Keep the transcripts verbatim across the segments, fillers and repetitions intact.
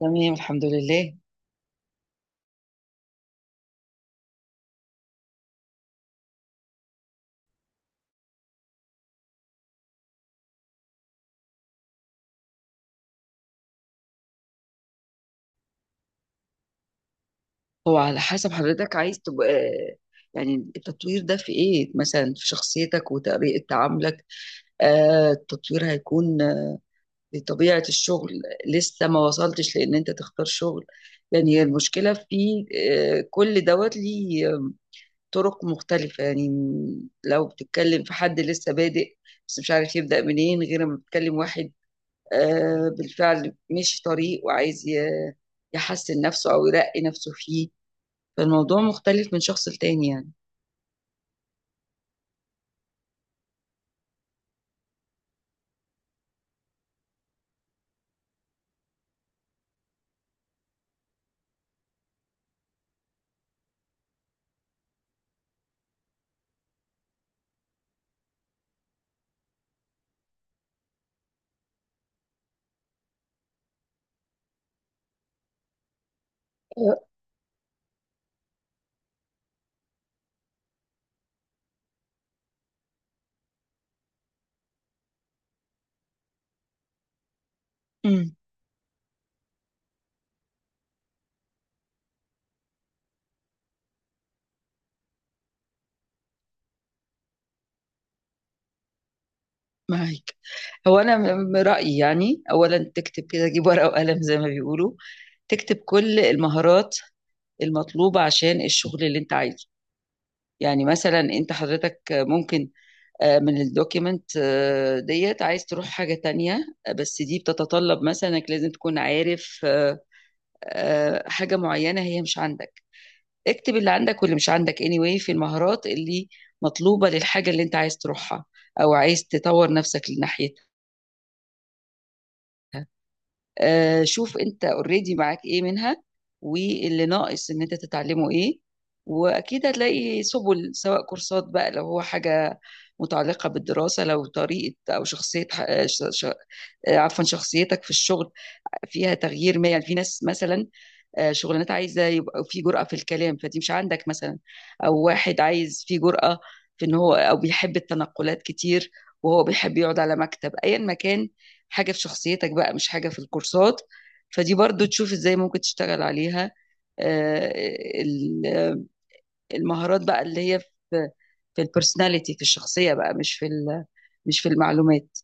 تمام. الحمد لله. هو على حسب حضرتك عايز تبقى، يعني التطوير ده في ايه، مثلا في شخصيتك وطريقة تعاملك. آه التطوير هيكون آه، في طبيعة الشغل. لسه ما وصلتش لان انت تختار شغل، يعني هي المشكلة في آه كل دوت ليه آه، طرق مختلفة يعني. لو بتتكلم في حد لسه بادئ بس مش عارف يبدأ منين، غير ما بتتكلم واحد آه بالفعل مش طريق، وعايز ي- يحسن نفسه او يرقي نفسه فيه. فالموضوع مختلف من شخص لتاني يعني. أه، امم معاك. هو انا م- م- رأيي، يعني اولا تكتب كده، جيب ورقة وقلم زي ما بيقولوا. تكتب كل المهارات المطلوبة عشان الشغل اللي انت عايزه. يعني مثلا انت حضرتك ممكن آه، من الدوكيمنت آه، ديت عايز تروح حاجة تانية، آه، بس دي بتتطلب مثلا انك لازم تكون عارف آه، آه، حاجة معينة هي مش عندك. اكتب اللي عندك واللي مش عندك anyway، في المهارات اللي مطلوبة للحاجة اللي انت عايز تروحها، او عايز تطور نفسك لناحيتها. آه شوف انت اوريدي معاك ايه منها، واللي ناقص ان انت تتعلمه ايه. واكيد هتلاقي سبل، سواء كورسات بقى لو هو حاجة متعلقة بالدراسة، لو طريقة أو شخصية، ح- ش- ش- آه، عفوا شخصيتك في الشغل فيها تغيير ما، يعني في ناس مثلا، آه، شغلانات عايزه يبقى في جرأه في الكلام، فدي مش عندك مثلا. او واحد عايز في جرأه في ان هو، او بيحب التنقلات كتير، وهو بيحب يقعد على مكتب ايا ما كان. حاجه في شخصيتك بقى مش حاجه في الكورسات، فدي برضو تشوف ازاي ممكن تشتغل عليها. آه، ال- آه، المهارات بقى اللي هي في في البرسوناليتي في الشخصيه بقى، مش في ال- مش في المعلومات.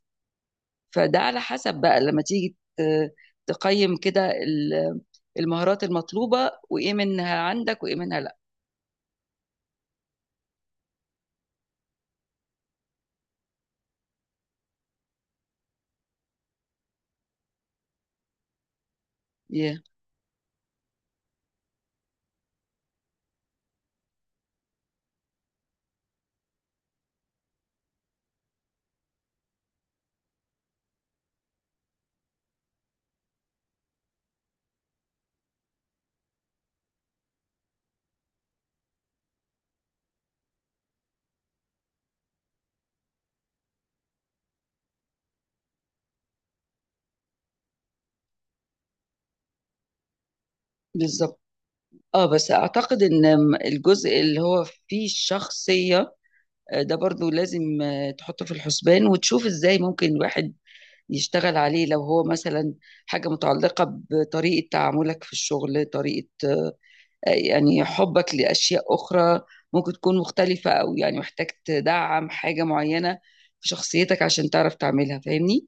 فده على حسب بقى، لما تيجي ت- تقيم كده ال- المهارات المطلوبة وإيه منها عندك وإيه منها لأ. yeah. بالظبط. اه، بس اعتقد ان م- الجزء اللي هو فيه الشخصية آه، ده برضو لازم آه، تحطه في الحسبان، وتشوف ازاي ممكن الواحد يشتغل عليه، لو هو مثلا حاجة متعلقة بطريقة تعاملك في الشغل، طريقة يعني حبك لأشياء أخرى ممكن تكون مختلفة، أو يعني محتاج تدعم حاجة معينة في شخصيتك عشان تعرف تعملها، فاهمني؟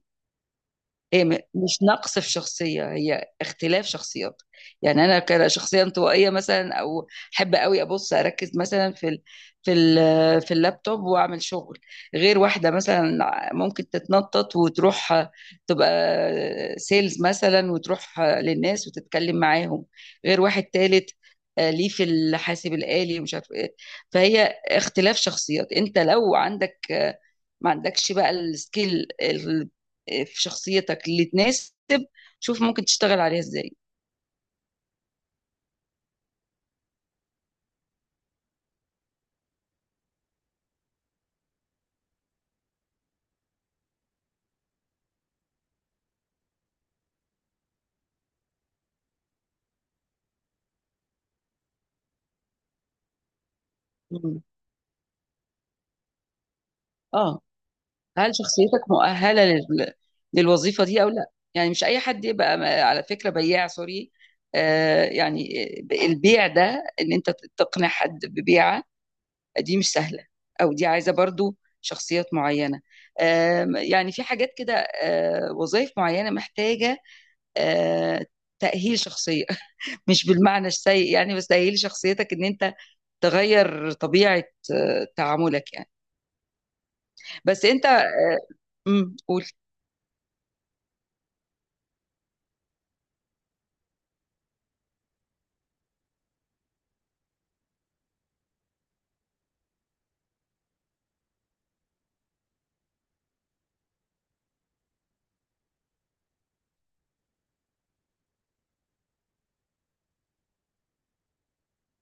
هي م- مش نقص في شخصية، هي اختلاف شخصيات. يعني أنا كشخصية انطوائية مثلا، أو أحب قوي أبص أركز مثلا في ال في ال في اللابتوب وأعمل شغل. غير واحدة مثلا ممكن تتنطط وتروح، تبقى سيلز مثلا وتروح للناس وتتكلم معاهم. غير واحد تالت، آه، ليه في الحاسب الآلي مش عارف إيه. فهي اختلاف شخصيات، أنت لو عندك آه، ما عندكش بقى السكيل في شخصيتك اللي تناسب، شوف ممكن تشتغل عليها ازاي. مم. اه، هل شخصيتك مؤهلة لل... للوظيفة دي او لا؟ يعني مش اي حد يبقى م- على فكرة بياع، سوري. آه يعني آه، البيع ده ان انت تقنع حد ببيعة، دي مش سهلة، او دي عايزة برضو شخصيات معينة. آه يعني في حاجات كده، آه وظائف معينة محتاجة آه تأهيل شخصية. مش بالمعنى السيء، يعني بس تأهيل شخصيتك ان انت تغير طبيعة آه، تعاملك يعني. بس انت، امم قول.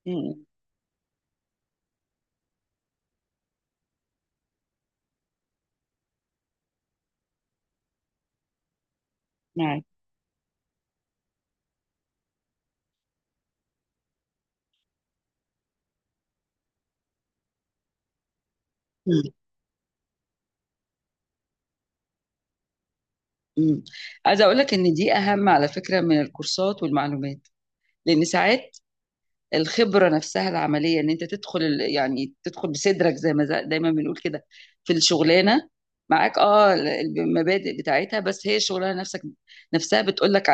امم معاك. امم امم عايزة اقول لك ان دي اهم، على فكرة، من الكورسات والمعلومات. لان ساعات الخبرة نفسها العملية، ان انت تدخل ال- يعني تدخل بصدرك زي ما ز- دايما بنقول كده، في الشغلانة. معاك، اه، ال- المبادئ بتاعتها، بس هي الشغلانة نفسك نفسها بتقول لك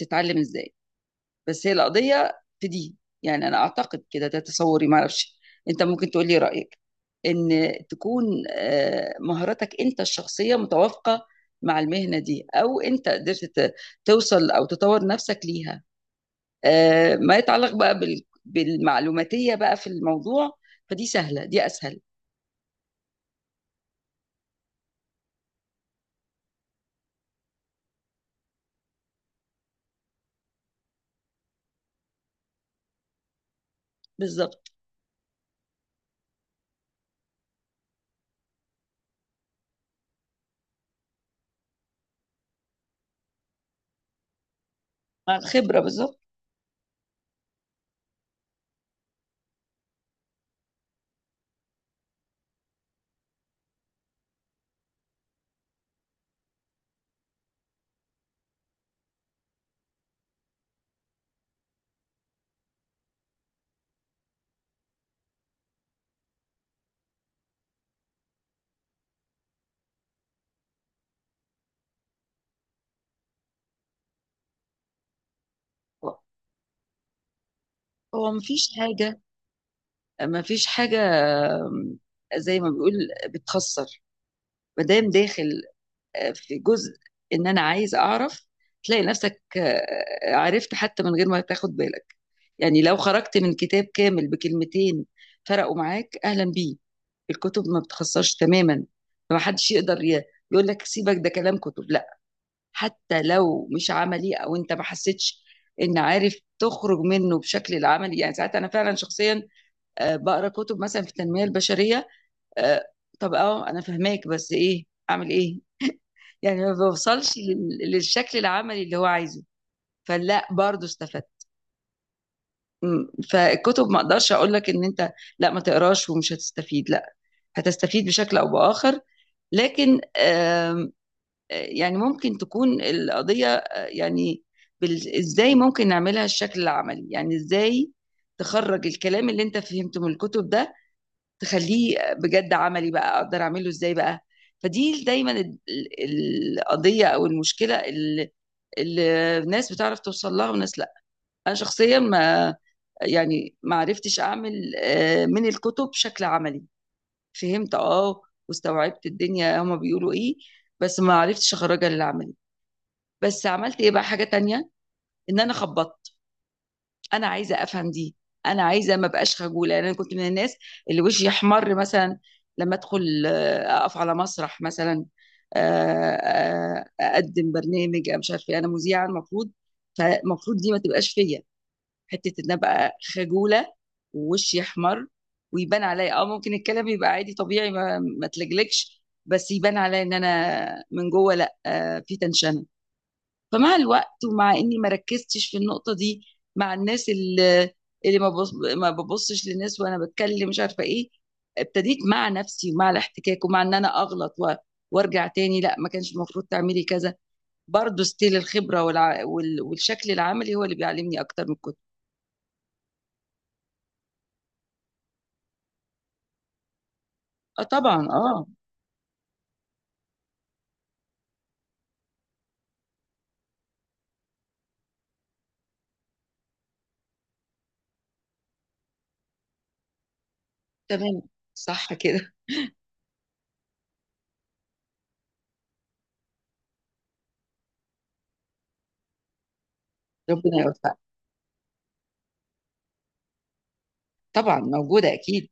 تتعلم ازاي. بس هي القضية في دي، يعني أنا أعتقد كده، ده تصوري، معرفش، أنت ممكن تقول لي رأيك، إن تكون آه، مهاراتك أنت الشخصية متوافقة مع المهنة دي، أو أنت قدرت ت- توصل أو تطور نفسك ليها. آه، ما يتعلق بقى بال- بالمعلوماتية بقى في الموضوع، فدي سهلة، دي أسهل. بالظبط. مع الخبرة، بالظبط. هو مفيش حاجة مفيش حاجة آم، زي ما بيقول بتخسر ما دام داخل في جزء، ان انا عايز اعرف. تلاقي نفسك آه، عرفت حتى من غير ما تاخد بالك. يعني لو خرجت من كتاب كامل بكلمتين فرقوا معاك، اهلا بيه. الكتب ما بتخسرش تماما، ما حدش يقدر ي- يقول لك سيبك ده كلام كتب، لا. حتى لو مش عملي او انت ما حسيتش ان عارف تخرج منه بشكل العملي، يعني ساعات انا فعلا شخصيا آه، بقرا كتب مثلا في التنميه البشريه. آه، طب اه انا فهماك، بس ايه اعمل ايه؟ يعني ما بيوصلش لل- للشكل العملي اللي هو عايزه، فلا، برضه استفدت. م، فالكتب ما اقدرش اقول لك ان انت لا ما تقراش ومش هتستفيد، لا هتستفيد بشكل او باخر. لكن آم، آه، يعني ممكن تكون القضية آه، يعني بال- ازاي ممكن نعملها الشكل العملي، يعني ازاي تخرج الكلام اللي انت فهمته من الكتب ده، تخليه بجد عملي بقى، اقدر اعمله ازاي بقى. فدي دايما ال- ال- القضية او المشكلة، الناس بتعرف توصل لها وناس لا. انا شخصيا ما يعني ما عرفتش اعمل آه، من الكتب شكل عملي. فهمت، اه، واستوعبت الدنيا هما بيقولوا ايه، بس ما عرفتش اخرجها للعملي. بس عملت ايه بقى؟ حاجه تانية، ان انا خبطت. انا عايزه افهم دي، انا عايزه ما بقاش خجوله، يعني انا كنت من الناس اللي وشي يحمر مثلا لما ادخل، آه، اقف على مسرح مثلا، آه، آه، اقدم برنامج مش عارفه إيه. انا مذيعه المفروض، فالمفروض دي ما تبقاش فيا، حته ان ابقى خجوله ووشي احمر، ويبان عليا اه ممكن الكلام يبقى عادي طبيعي ما, ما تلجلكش، بس يبان عليا ان انا من جوه لا آه في تنشنه. فمع الوقت ومع اني ما ركزتش في النقطه دي، مع الناس اللي اللي ما ببص ما ببصش للناس وانا بتكلم مش عارفه ايه، ابتديت مع نفسي ومع الاحتكاك ومع ان انا اغلط و... وارجع تاني، لا ما كانش المفروض تعملي كذا. برضه ستيل الخبره والع... وال... والشكل العملي هو اللي بيعلمني اكتر من الكتب. اه، طبعا، اه. تمام، صح كده، ربنا يوفقك، طبعًا موجودة أكيد.